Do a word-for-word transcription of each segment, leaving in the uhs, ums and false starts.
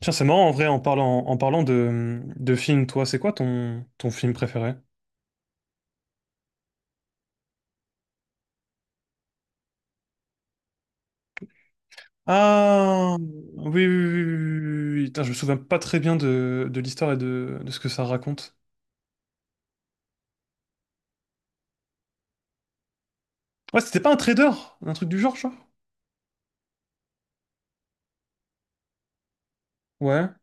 Tiens, c'est marrant en vrai, en parlant, en parlant de, de film, toi, c'est quoi ton, ton film préféré? Ah, oui, oui, oui, oui, oui. Putain, je me souviens pas très bien de, de l'histoire et de, de ce que ça raconte. Ouais, c'était pas un trader, un truc du genre, genre? Ouais,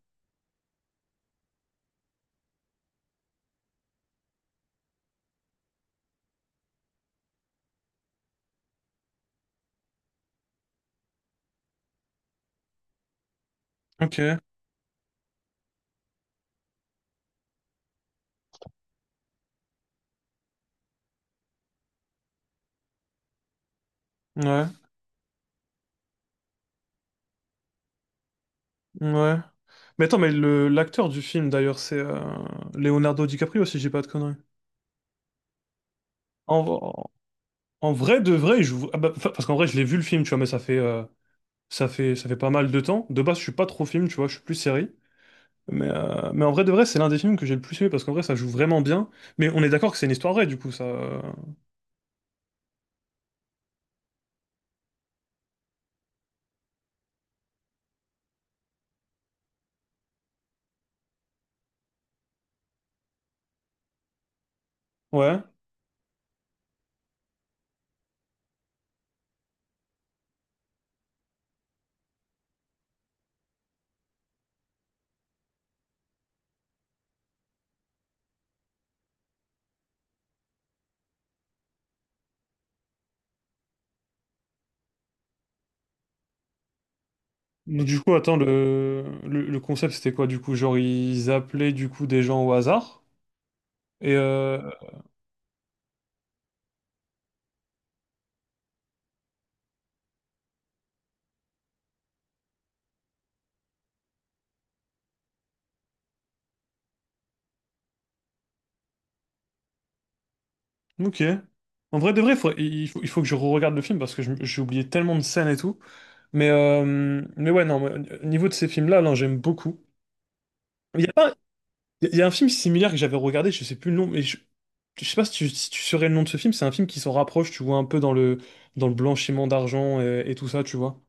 ok, ouais, ouais. Mais attends, mais le l'acteur du film, d'ailleurs, c'est euh, Leonardo DiCaprio, si j'ai pas de conneries. En, en vrai, de vrai, il joue... Ah bah, enfin, parce qu'en vrai, je l'ai vu le film, tu vois, mais ça fait, euh, ça fait, ça fait pas mal de temps. De base, je suis pas trop film, tu vois, je suis plus série. Mais, euh, mais en vrai de vrai, c'est l'un des films que j'ai le plus aimé parce qu'en vrai, ça joue vraiment bien. Mais on est d'accord que c'est une histoire vraie, du coup, ça. euh, Ouais. Mais du coup, attends, le, le, le concept, c'était quoi, du coup? Genre, ils appelaient, du coup, des gens au hasard. Et, euh, ok. En vrai de vrai, faudrait- il faut, il faut que je re-regarde le film parce que je- j'ai oublié tellement de scènes et tout. Mais, euh, mais ouais, non, mais, euh, niveau de ces films-là, non, j'aime beaucoup. Il y a pas, Il y a un film similaire que j'avais regardé, je sais plus le nom, mais je, je sais pas si tu, si tu saurais le nom de ce film, c'est un film qui s'en rapproche, tu vois, un peu dans le, dans le blanchiment d'argent et, et tout ça, tu vois.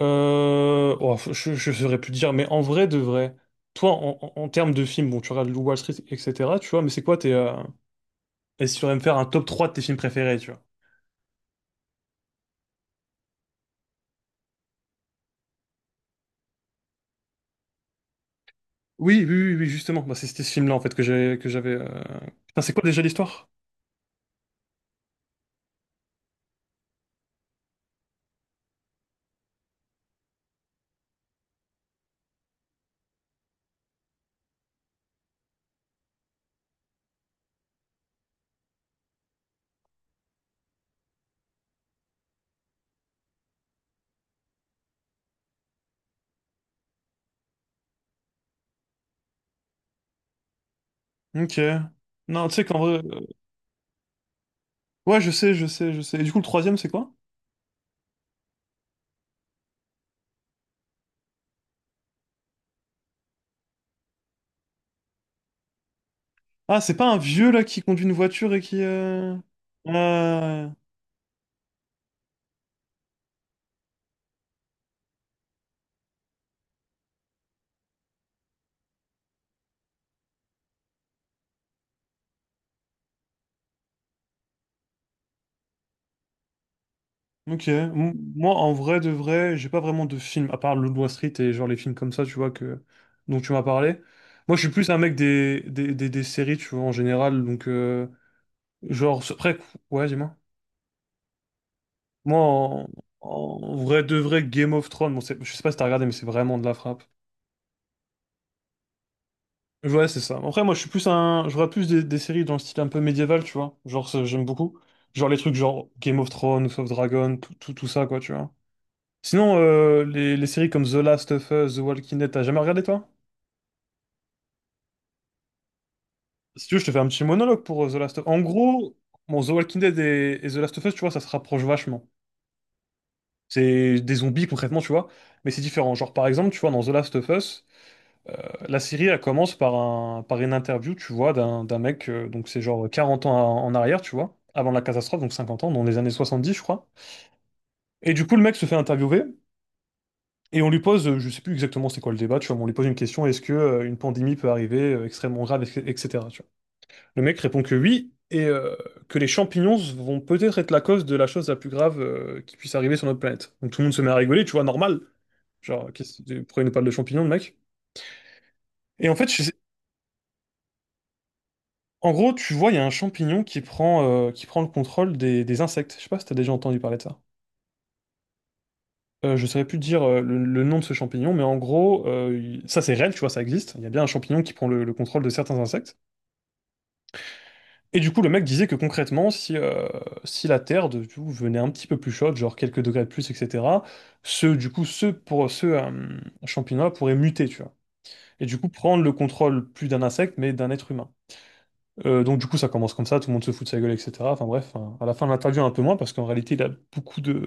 Euh, oh, faut- je, je saurais plus te dire, mais en vrai de vrai, toi, en, en- en termes de films, bon, tu regardes Wall Street, et cetera, tu vois, mais c'est quoi tes... euh, Est-ce que tu saurais me faire un top trois de tes films préférés, tu vois? Oui, oui, oui, oui, justement, bah, c'est- c'était ce film-là, en fait, que j'ai, que j'avais... euh, Putain, c'est quoi déjà l'histoire? Ok. Non, tu sais qu'en vrai... euh, Ouais, je sais, je sais, je sais. Et du coup, le troisième, c'est quoi? Ah, c'est pas un vieux là qui conduit une voiture et qui. euh, euh, Ok. M- Moi, en vrai de vrai, j'ai pas vraiment de film, à part Le Wall Street et genre les films comme ça, tu vois, que... dont tu m'as parlé. Moi, je suis plus un mec des, des, des, des séries, tu vois, en général. Donc, euh, genre, c'est- après, ouais, dis-moi. Moi, en... en vrai de vrai, Game of Thrones, bon, c'est- je sais pas si t'as regardé, mais c'est vraiment de la frappe. Ouais, c'est ça. Après, moi, je suis plus un. Je regarde plus des, des séries dans le style un peu médiéval, tu vois. Genre, ça, j'aime beaucoup. Genre les trucs genre Game of Thrones, House of Dragon, tout, tout, tout ça, quoi, tu vois. Sinon, euh, les, les séries comme The Last of Us, The Walking Dead, t'as jamais regardé, toi? Si tu veux, je te fais un petit monologue pour euh, The Last of Us. En gros, bon, The Walking Dead et, et The Last of Us, tu vois, ça se rapproche vachement. C'est des zombies, concrètement, tu vois. Mais c'est différent. Genre, par exemple, tu vois, dans The Last of Us. Euh, La série, elle commence par un, par une interview, tu vois, d'un d'un mec, euh, donc c'est genre quarante ans en en arrière, tu vois, avant la catastrophe, donc cinquante ans, dans les années soixante-dix, je crois. Et du coup, le mec se fait interviewer, et on lui pose, euh, je sais plus exactement c'est quoi le débat, tu vois, mais on lui pose une question, est-ce que euh, une pandémie peut arriver euh, extrêmement grave, et- etc. tu vois. Le mec répond que oui, et euh, que les champignons vont peut-être être la cause de la chose la plus grave euh, qui puisse arriver sur notre planète. Donc tout le monde se met à rigoler, tu vois, normal. Genre, qu'est-ce- pourquoi il nous parle de champignons, le mec? Et en fait, je En gros, tu vois, il y a un champignon qui prend, euh, qui prend le contrôle des, des insectes. Je sais pas si t'as déjà entendu parler de ça. Euh, je saurais plus te dire euh, le, le nom de ce champignon, mais en gros, euh, il- ça c'est réel, tu vois, ça existe. Il y a bien un champignon qui prend le, le contrôle de certains insectes. Et du coup, le mec disait que concrètement, si, euh, si la Terre de, du coup, venait un petit peu plus chaude, genre quelques degrés de plus, et cetera, ce, du coup, ce, pour, ce euh, champignon-là pourrait muter, tu vois. Et du coup, prendre le contrôle plus d'un insecte, mais d'un être humain. Euh, donc du coup, ça commence comme ça, tout le monde se fout de sa gueule, et cetera. Enfin bref, hein. À la fin de l'interview, un peu moins, parce qu'en réalité, il a beaucoup de,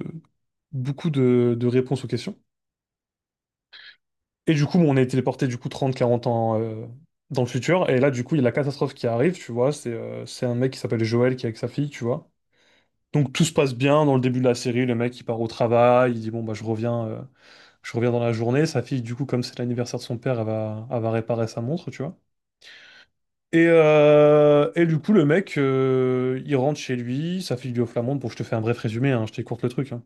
beaucoup de, de réponses aux questions. Et du coup, bon, on est téléporté du coup trente quarante ans euh, dans le futur. Et là, du coup, il y a la catastrophe qui arrive, tu vois. C'est euh, c'est un mec qui s'appelle Joël qui est avec sa fille, tu vois. Donc tout se passe bien dans le début de la série. Le mec, il part au travail, il dit, bon, bah, je reviens, euh, je reviens dans la journée. Sa fille, du coup, comme c'est l'anniversaire de son père, elle va, elle va réparer sa montre, tu vois. Et, euh, et du coup, le mec, euh, il rentre chez lui, sa fille lui offre la montre. Bon, je te fais un bref résumé, hein, je t'écourte le truc. Hein.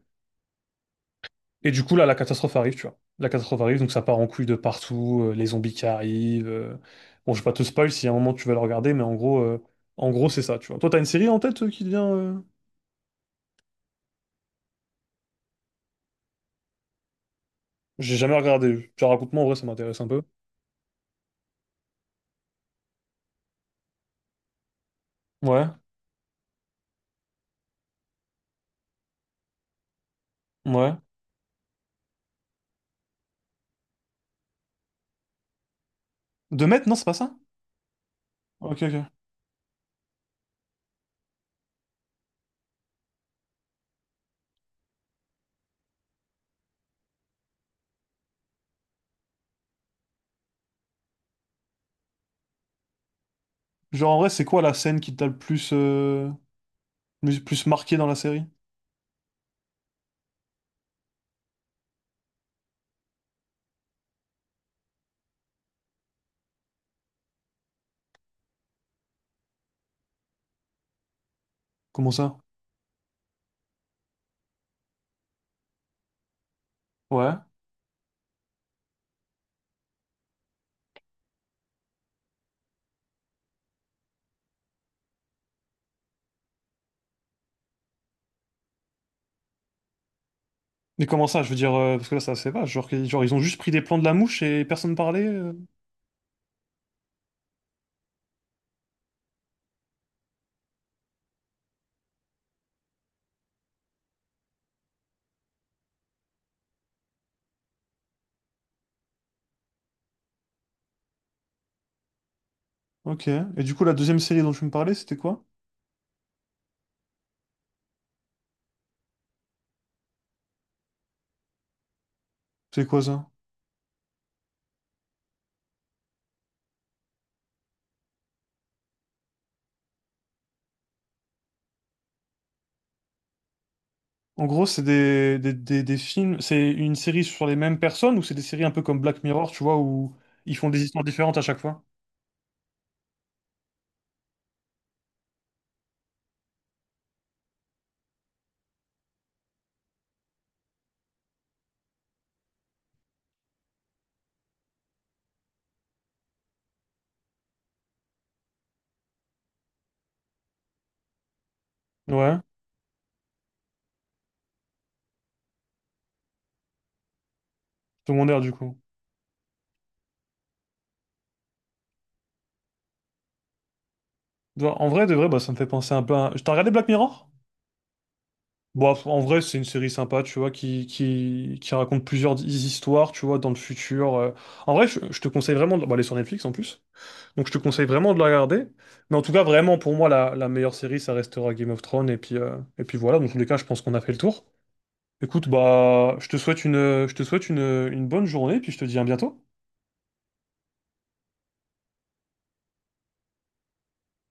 Et du coup, là, la catastrophe arrive, tu vois. La catastrophe arrive, donc ça part en couille de partout, euh, les zombies qui arrivent. euh. Bon, je vais pas te spoil si à un moment tu veux le regarder, mais en gros, euh, en gros, c'est ça, tu vois. Toi, t'as une série en tête euh, qui devient. euh, J'ai jamais regardé. Genre, raconte-moi, en vrai, ça m'intéresse un peu. Ouais, ouais. De mettre, non, c'est pas ça? Ok, ok. Genre, en vrai, c'est quoi la scène qui t'a le plus, euh, le plus marqué dans la série? Comment ça? Ouais. Mais comment ça, je veux dire, euh, parce que là, ça, c'est vache. Genre, qu'ils- genre, ils ont juste pris des plans de la mouche et personne parlait. euh. Ok. Et du coup, la deuxième série dont tu me parlais, c'était quoi? C'est quoi ça? En gros, c'est des, des, des, des films, c'est une série sur les mêmes personnes ou c'est des séries un peu comme Black Mirror, tu vois, où ils font des histoires différentes à chaque fois? Ouais, secondaire du coup. Bah, en vrai, de vrai, bah, ça me fait penser un peu à... T'as regardé Black Mirror? Bon, en vrai, c'est une série sympa, tu vois, qui, qui, qui raconte plusieurs histoires, tu vois, dans le futur. euh. En vrai, je, je te conseille vraiment de... Bah, elle est sur Netflix en plus. Donc je te conseille vraiment de la regarder. Mais en tout cas, vraiment, pour moi, la, la meilleure série, ça restera Game of Thrones. Et puis, euh, et puis voilà, dans tous les cas, je pense qu'on a fait le tour. Écoute, bah, je te souhaite une, je te souhaite une, une bonne journée, puis je te dis à bientôt.